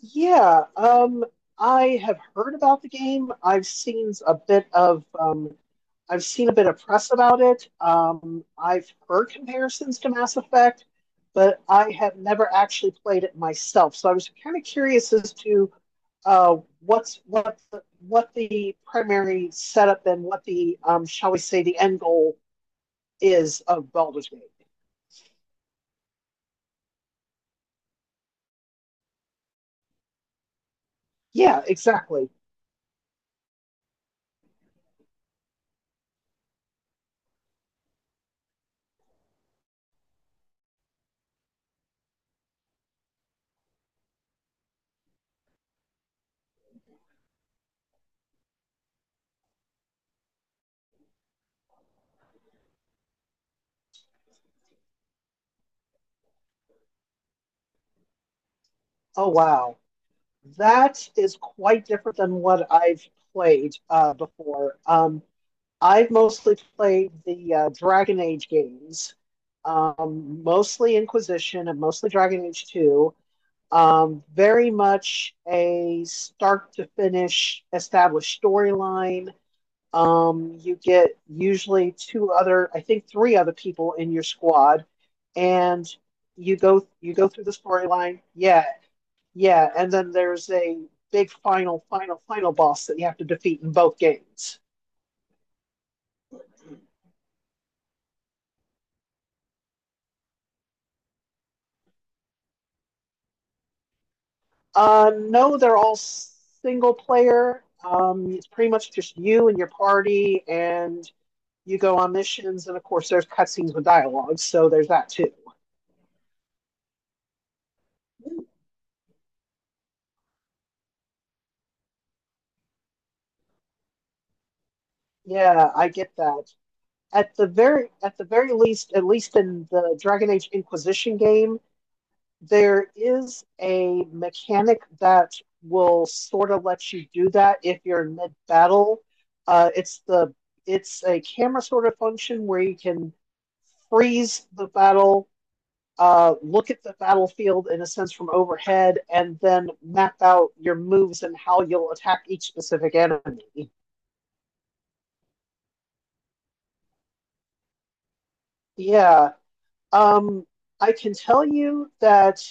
Yeah, I have heard about the game. I've seen a bit of press about it. I've heard comparisons to Mass Effect, but I have never actually played it myself. So I was kind of curious as to what the primary setup and what the shall we say the end goal is of Baldur's Gate. Yeah, exactly. Oh wow. That is quite different than what I've played before. I've mostly played the Dragon Age games, mostly Inquisition and mostly Dragon Age 2. Very much a start to finish established storyline. You get usually two other, I think three other people in your squad, and you go through the storyline. Yeah, yeah, and then there's a big final boss that you have to defeat in both games. No, they're all single player. It's pretty much just you and your party, and you go on missions. And of course, there's cutscenes with dialogue, so there's that too. Yeah, I get that. At the very least, at least in the Dragon Age Inquisition game, there is a mechanic that will sort of let you do that if you're in mid battle. Uh, it's the it's a camera sort of function where you can freeze the battle, look at the battlefield in a sense from overhead, and then map out your moves and how you'll attack each specific enemy. Yeah. Um, I can tell you that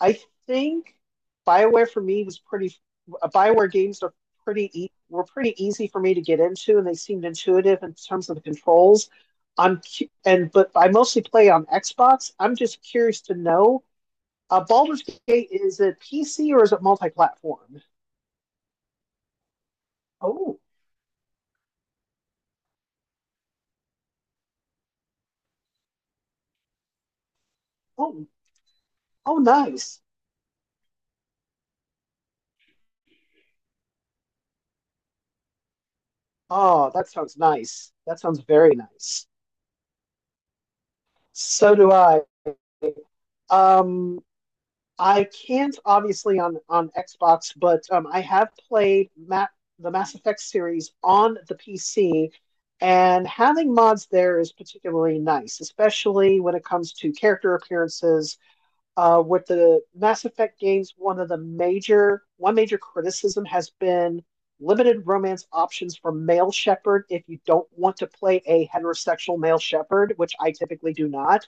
I think Bioware for me was pretty. Bioware games are were pretty easy for me to get into, and they seemed intuitive in terms of the controls. I'm cu- and But I mostly play on Xbox. I'm just curious to know. Baldur's Gate, is it PC or is it multi-platform? Oh, oh, oh, nice. Oh, that sounds nice. That sounds very nice. So do I. Um, I can't obviously on Xbox, but I have played the Mass Effect series on the PC, and having mods there is particularly nice, especially when it comes to character appearances. With the Mass Effect games, one major criticism has been limited romance options for male Shepard, if you don't want to play a heterosexual male Shepard, which I typically do not.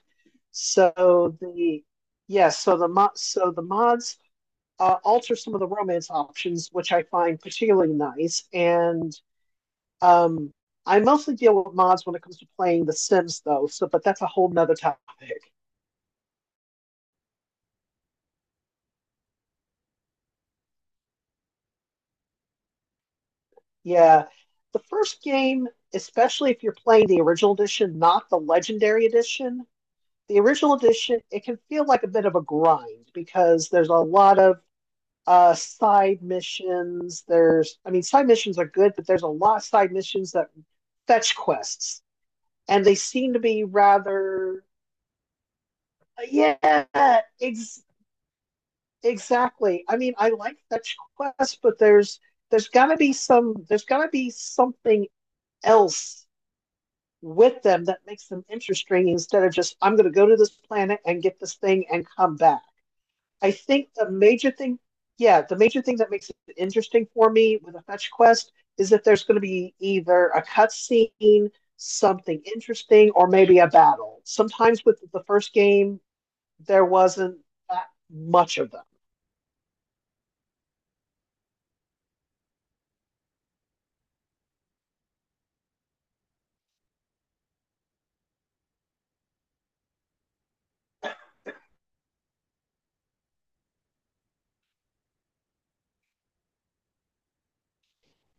So the so the mods alter some of the romance options, which I find particularly nice. And um, I mostly deal with mods when it comes to playing The Sims, though. So, but that's a whole nother topic. Yeah, the first game, especially if you're playing the original edition, not the Legendary edition. The original edition, it can feel like a bit of a grind because there's a lot of side missions, there's side missions are good, but there's a lot of side missions that fetch quests and they seem to be rather yeah ex- exactly. I mean, I like fetch quests, but there's got to be some there's got to be something else with them that makes them interesting instead of just I'm going to go to this planet and get this thing and come back. I think the major thing, yeah, the major thing that makes it interesting for me with a fetch quest is that there's going to be either a cutscene, something interesting, or maybe a battle. Sometimes with the first game, there wasn't that much of them.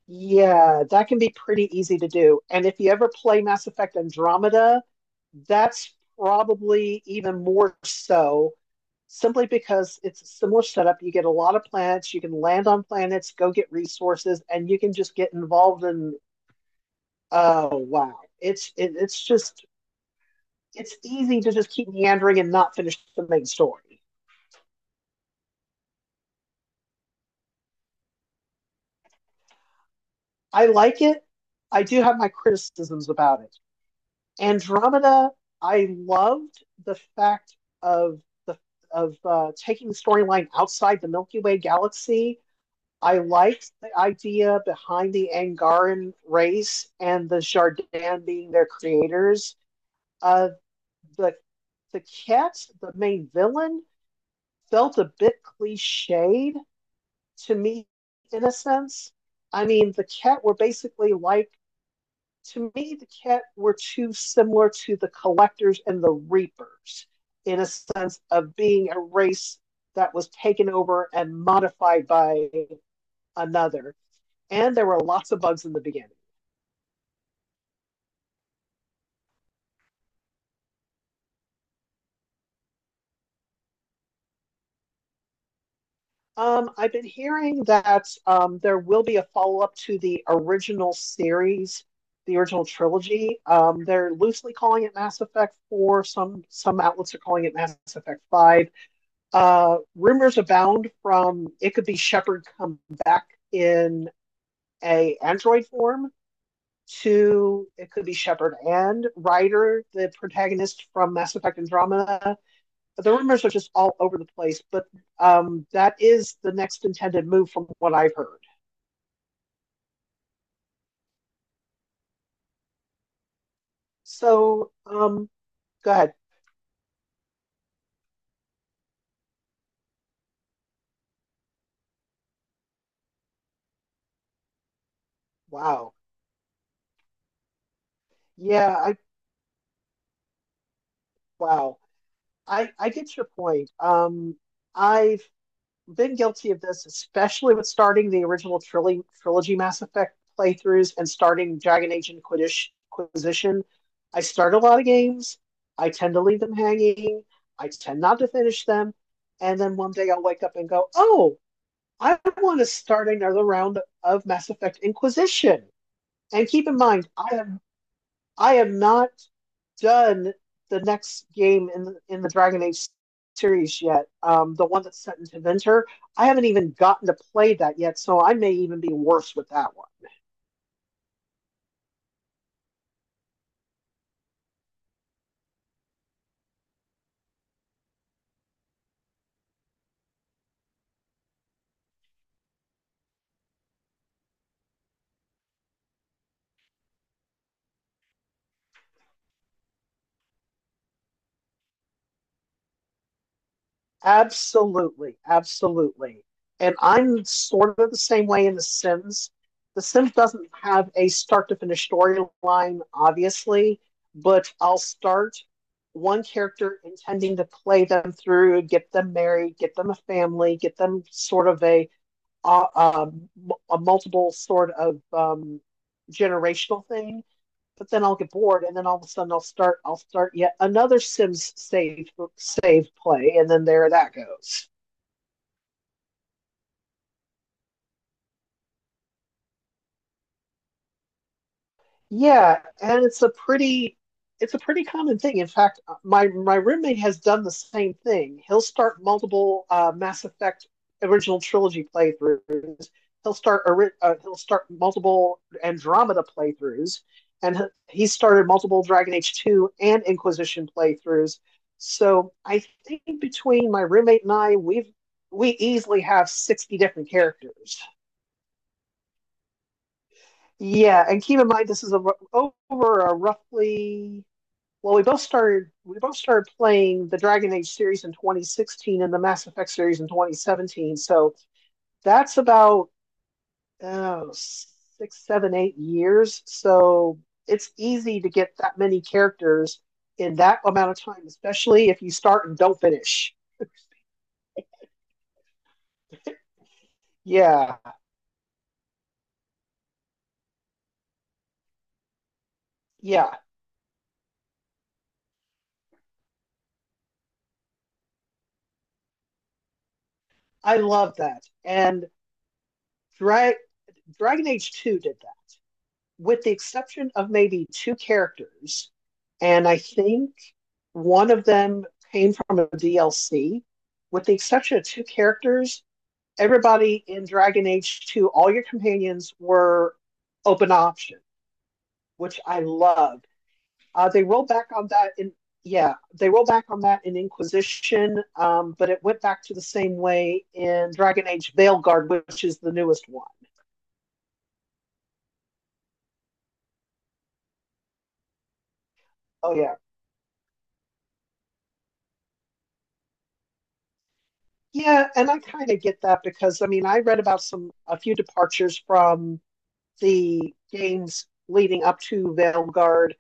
Yeah, that can be pretty easy to do. And if you ever play Mass Effect Andromeda, that's probably even more so, simply because it's a similar setup. You get a lot of planets, you can land on planets, go get resources, and you can just get involved in, oh wow. It's just it's easy to just keep meandering and not finish the main story. I like it. I do have my criticisms about it. Andromeda, I loved the fact of the of taking the storyline outside the Milky Way galaxy. I liked the idea behind the Angaran race and the Jardin being their creators. Uh, the the the main villain, felt a bit cliched to me in a sense. I mean, the cat were basically like to me, the Ket were too similar to the Collectors and the Reapers in a sense of being a race that was taken over and modified by another. And there were lots of bugs in the beginning. I've been hearing that there will be a follow up to the original series, the original trilogy. They're loosely calling it Mass Effect 4. Some outlets are calling it Mass Effect 5. Rumors abound from it could be Shepard come back in a android form to it could be Shepard and Ryder, the protagonist from Mass Effect Andromeda. But the rumors are just all over the place. But that is the next intended move from what I've heard. So go ahead. Wow. Yeah. I wow. I get your point. I've been guilty of this, especially with starting the trilogy Mass Effect playthroughs and starting Dragon Age Inquisition. I start a lot of games. I tend to leave them hanging. I tend not to finish them. And then one day I'll wake up and go, oh, I want to start another round of Mass Effect Inquisition. And keep in mind, I am not done the next game in the Dragon Age series yet. The one that's set into winter. I haven't even gotten to play that yet, so I may even be worse with that one. Absolutely, absolutely. And I'm sort of the same way in The Sims. The Sims doesn't have a start to finish storyline, obviously, but I'll start one character intending to play them through, get them married, get them a family, get them sort of uh, um, a multiple sort of generational thing. But then I'll get bored, and then all of a sudden I'll start yet another Sims save play, and then there that goes. Yeah, and it's a pretty common thing. In fact, my roommate has done the same thing. He'll start multiple Mass Effect original trilogy playthroughs. He'll start a He'll start multiple Andromeda playthroughs, and he started multiple Dragon Age 2 and Inquisition playthroughs. So I think between my roommate and I, we easily have 60 different characters. Yeah, and keep in mind this is a, over a roughly well, we both started playing the Dragon Age series in 2016 and the Mass Effect series in 2017. So that's about oh, six, seven, 8 years. So it's easy to get that many characters in that amount of time, especially if you start and don't finish. Yeah, yeah, I love that. And Dra- Dragon Age 2 did, with the exception of maybe two characters, and I think one of them came from a DLC. With the exception of two characters, everybody in Dragon Age 2, all your companions were open option, which I loved. They rolled back on that in Yeah, they rolled back on that in Inquisition, but it went back to the same way in Dragon Age Veilguard, which is the newest one. Oh yeah. Yeah, and I kind of get that because I mean, I read about some a few departures from the games leading up to Veilguard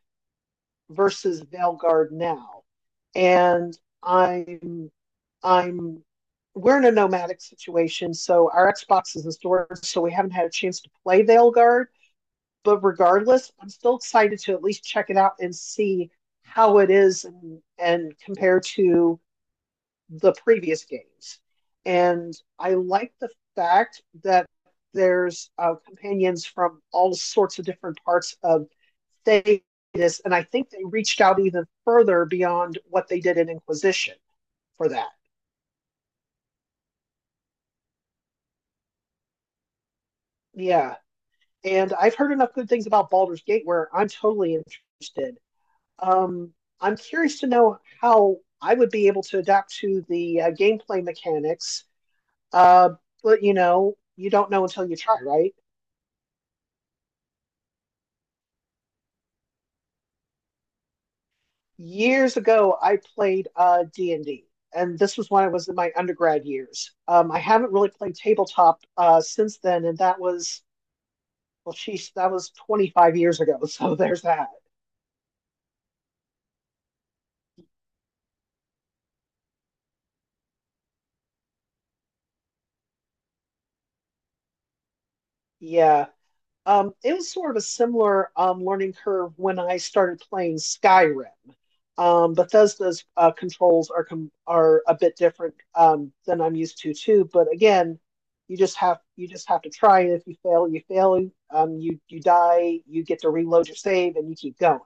versus Veilguard now. And I'm I'm we're in a nomadic situation, so our Xbox is in storage, so we haven't had a chance to play Veilguard. But regardless, I'm still excited to at least check it out and see how it is and compared to the previous games. And I like the fact that there's companions from all sorts of different parts of Thetis, and I think they reached out even further beyond what they did in Inquisition for that. Yeah, and I've heard enough good things about Baldur's Gate where I'm totally interested. Um, I'm curious to know how I would be able to adapt to the gameplay mechanics, uh, but you know, you don't know until you try, right? Years ago I played D&D and D, and this was when I was in my undergrad years. I haven't really played tabletop since then and that was well sheesh that was 25 years ago so there's that. Yeah. It was sort of a similar learning curve when I started playing Skyrim. Bethesda's controls are are a bit different than I'm used to too. But again, you just have to try, and if you fail, you fail. You die, you get to reload your save, and you keep going.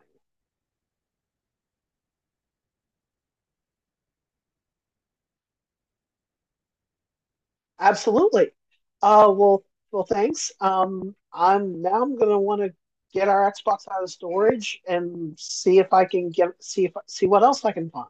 Absolutely. Uh, well, well, thanks. I'm gonna want to get our Xbox out of storage and see if I can get see if see what else I can find.